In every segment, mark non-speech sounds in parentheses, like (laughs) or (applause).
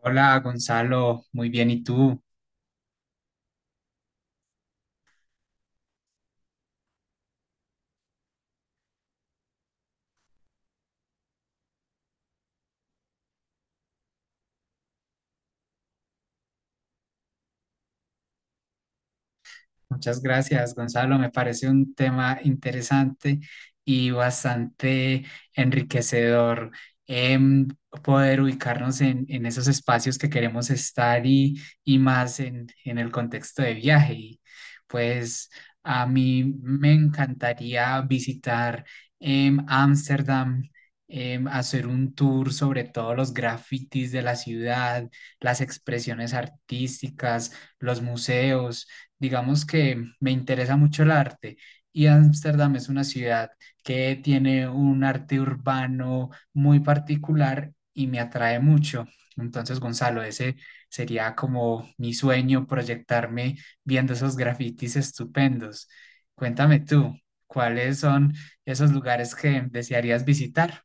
Hola Gonzalo, muy bien, ¿y tú? Muchas gracias, Gonzalo. Me parece un tema interesante y bastante enriquecedor, em, poder ubicarnos en esos espacios que queremos estar y más en el contexto de viaje. Y pues a mí me encantaría visitar, Ámsterdam. Hacer un tour sobre todos los grafitis de la ciudad, las expresiones artísticas, los museos. Digamos que me interesa mucho el arte y Ámsterdam es una ciudad que tiene un arte urbano muy particular y me atrae mucho. Entonces, Gonzalo, ese sería como mi sueño, proyectarme viendo esos grafitis estupendos. Cuéntame tú, ¿cuáles son esos lugares que desearías visitar?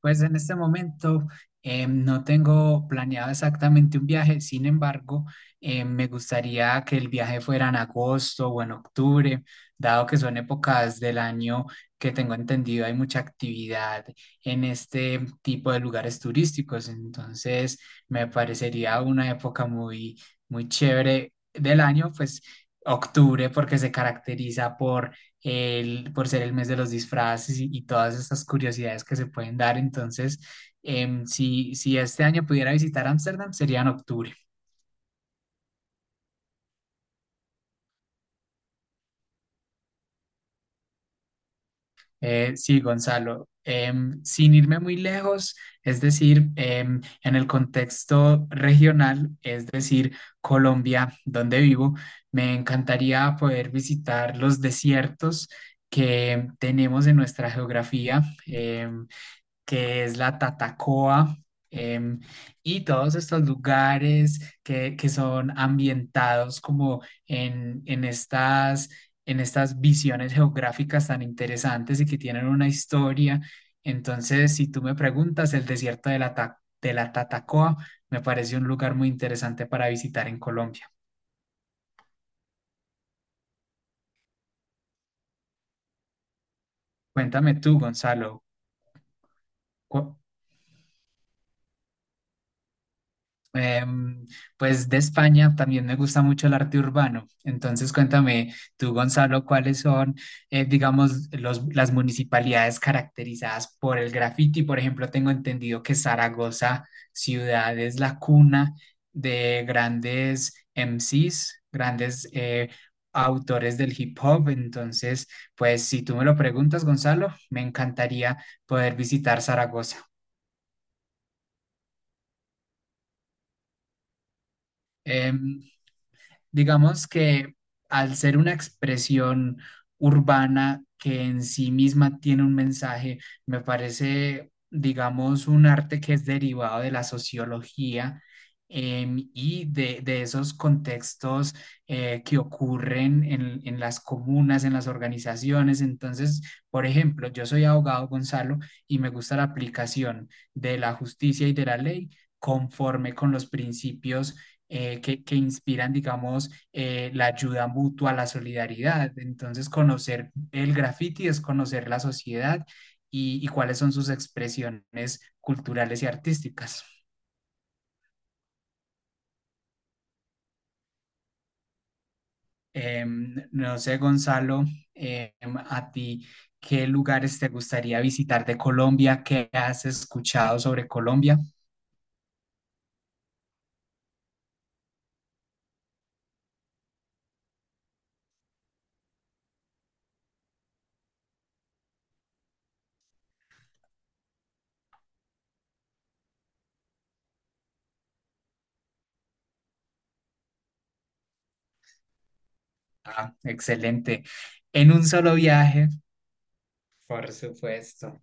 Pues en este momento no tengo planeado exactamente un viaje. Sin embargo, me gustaría que el viaje fuera en agosto o en octubre, dado que son épocas del año que tengo entendido hay mucha actividad en este tipo de lugares turísticos. Entonces me parecería una época muy, muy chévere del año, pues octubre porque se caracteriza por por ser el mes de los disfraces y todas estas curiosidades que se pueden dar. Entonces, si este año pudiera visitar Ámsterdam, sería en octubre. Sí, Gonzalo, sin irme muy lejos, es decir, en el contexto regional, es decir, Colombia, donde vivo, me encantaría poder visitar los desiertos que tenemos en nuestra geografía. em, que es la Tatacoa, em, y todos estos lugares que son ambientados como en en estas visiones geográficas tan interesantes y que tienen una historia. Entonces, si tú me preguntas, el desierto de la Tatacoa me parece un lugar muy interesante para visitar en Colombia. Cuéntame tú, Gonzalo, cu- Em, pues de España también me gusta mucho el arte urbano. Entonces cuéntame tú, Gonzalo, cuáles son, digamos, las municipalidades caracterizadas por el graffiti. Por ejemplo, tengo entendido que Zaragoza, ciudad, es la cuna de grandes MCs, grandes autores del hip hop. Entonces, pues si tú me lo preguntas, Gonzalo, me encantaría poder visitar Zaragoza. Em, Digamos que al ser una expresión urbana que en sí misma tiene un mensaje, me parece, digamos, un arte que es derivado de la sociología, y de esos contextos que ocurren en las comunas, en las organizaciones. Entonces, por ejemplo, yo soy abogado, Gonzalo, y me gusta la aplicación de la justicia y de la ley conforme con los principios que inspiran, digamos, la ayuda mutua, la solidaridad. Entonces, conocer el graffiti es conocer la sociedad y cuáles son sus expresiones culturales y artísticas. No sé, Gonzalo, em, a ti, ¿qué lugares te gustaría visitar de Colombia? ¿Qué has escuchado sobre Colombia? Ah, excelente. En un solo viaje, por supuesto.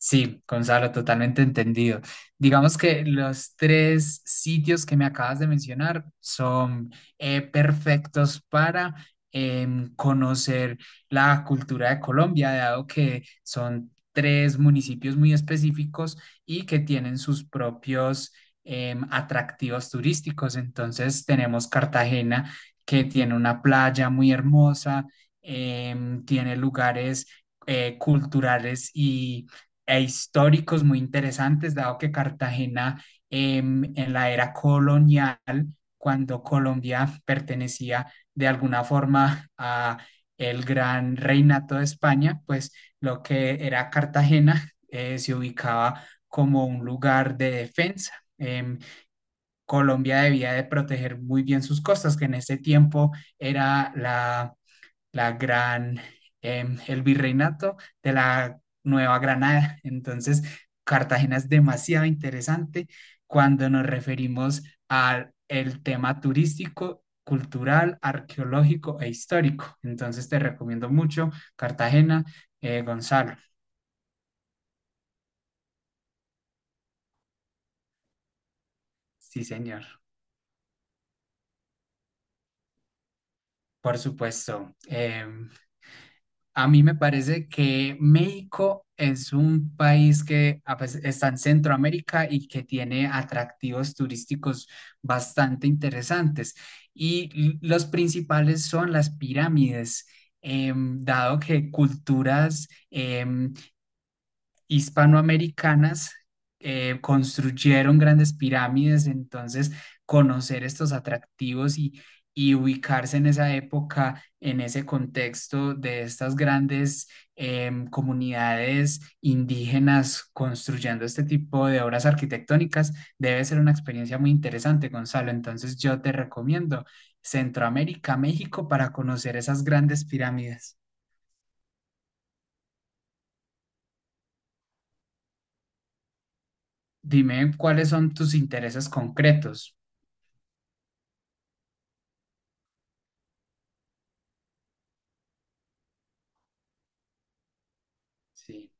Sí, Gonzalo, totalmente entendido. Digamos que los tres sitios que me acabas de mencionar son, perfectos para conocer la cultura de Colombia, dado que son tres municipios muy específicos y que tienen sus propios atractivos turísticos. Entonces tenemos Cartagena, que tiene una playa muy hermosa, tiene lugares culturales y e históricos muy interesantes, dado que Cartagena, en la era colonial, cuando Colombia pertenecía de alguna forma a el gran reinato de España, pues lo que era Cartagena se ubicaba como un lugar de defensa. Colombia debía de proteger muy bien sus costas, que en ese tiempo era la gran, el virreinato de la Nueva Granada. (laughs) Entonces, Cartagena es demasiado interesante cuando nos referimos al el tema turístico, cultural, arqueológico e histórico. Entonces, te recomiendo mucho Cartagena, Gonzalo. Sí, señor. Por supuesto. A mí me parece que México es un país que está en Centroamérica y que tiene atractivos turísticos bastante interesantes. Y los principales son las pirámides, dado que culturas hispanoamericanas construyeron grandes pirámides. Entonces conocer estos atractivos y ubicarse en esa época, en ese contexto de estas grandes comunidades indígenas construyendo este tipo de obras arquitectónicas, debe ser una experiencia muy interesante, Gonzalo. Entonces yo te recomiendo Centroamérica, México, para conocer esas grandes pirámides. Dime cuáles son tus intereses concretos. Sí.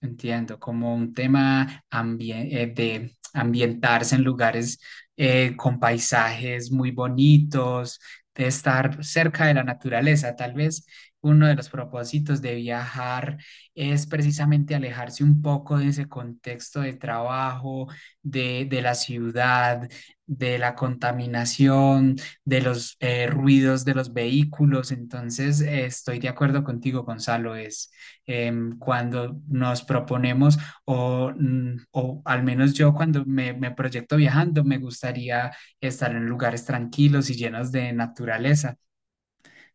Entiendo, como un tema de ambientarse en lugares con paisajes muy bonitos, de estar cerca de la naturaleza. Tal vez uno de los propósitos de viajar es precisamente alejarse un poco de ese contexto de trabajo, de la ciudad, de la contaminación, de los ruidos de los vehículos. Entonces, estoy de acuerdo contigo, Gonzalo. Es, cuando nos proponemos o, mm, o al menos yo cuando me proyecto viajando, me gustaría estar en lugares tranquilos y llenos de naturaleza.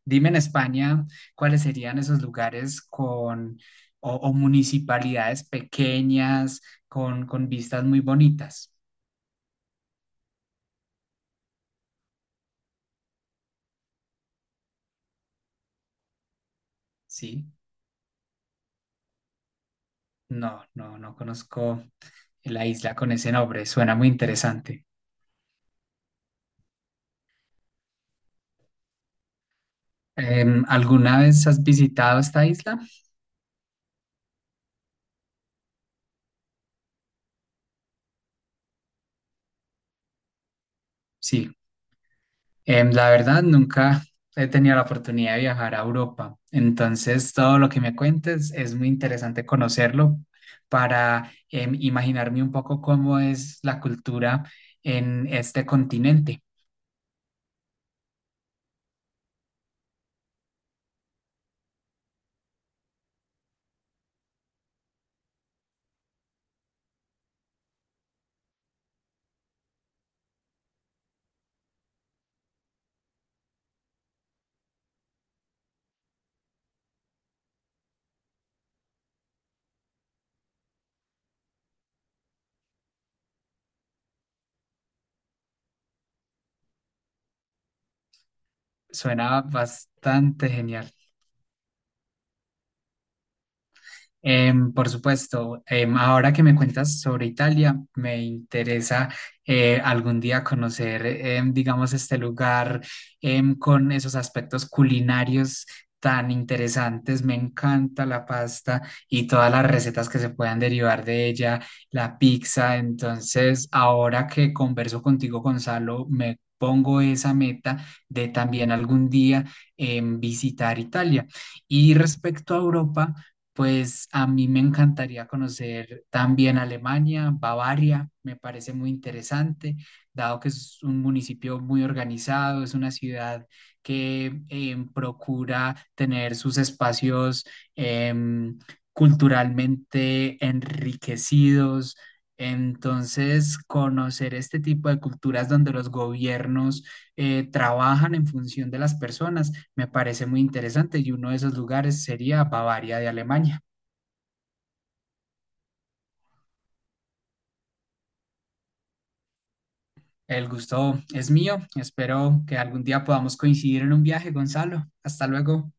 Dime en España cuáles serían esos lugares con o municipalidades pequeñas con vistas muy bonitas. Sí, no conozco la isla con ese nombre, suena muy interesante. Em, ¿alguna vez has visitado esta isla? Sí. La verdad, nunca he tenido la oportunidad de viajar a Europa, entonces todo lo que me cuentes es muy interesante conocerlo para imaginarme un poco cómo es la cultura en este continente. Suena bastante genial. Por supuesto, ahora que me cuentas sobre Italia, me interesa, algún día conocer, digamos, este lugar, con esos aspectos culinarios tan interesantes. Me encanta la pasta y todas las recetas que se puedan derivar de ella, la pizza. Entonces, ahora que converso contigo, Gonzalo, me pongo esa meta de también algún día visitar Italia. Y respecto a Europa, pues a mí me encantaría conocer también Alemania, Bavaria, me parece muy interesante, dado que es un municipio muy organizado, es una ciudad que procura tener sus espacios em, culturalmente enriquecidos. Entonces, conocer este tipo de culturas donde los gobiernos trabajan en función de las personas me parece muy interesante y uno de esos lugares sería Bavaria de Alemania. El gusto es mío. Espero que algún día podamos coincidir en un viaje, Gonzalo. Hasta luego.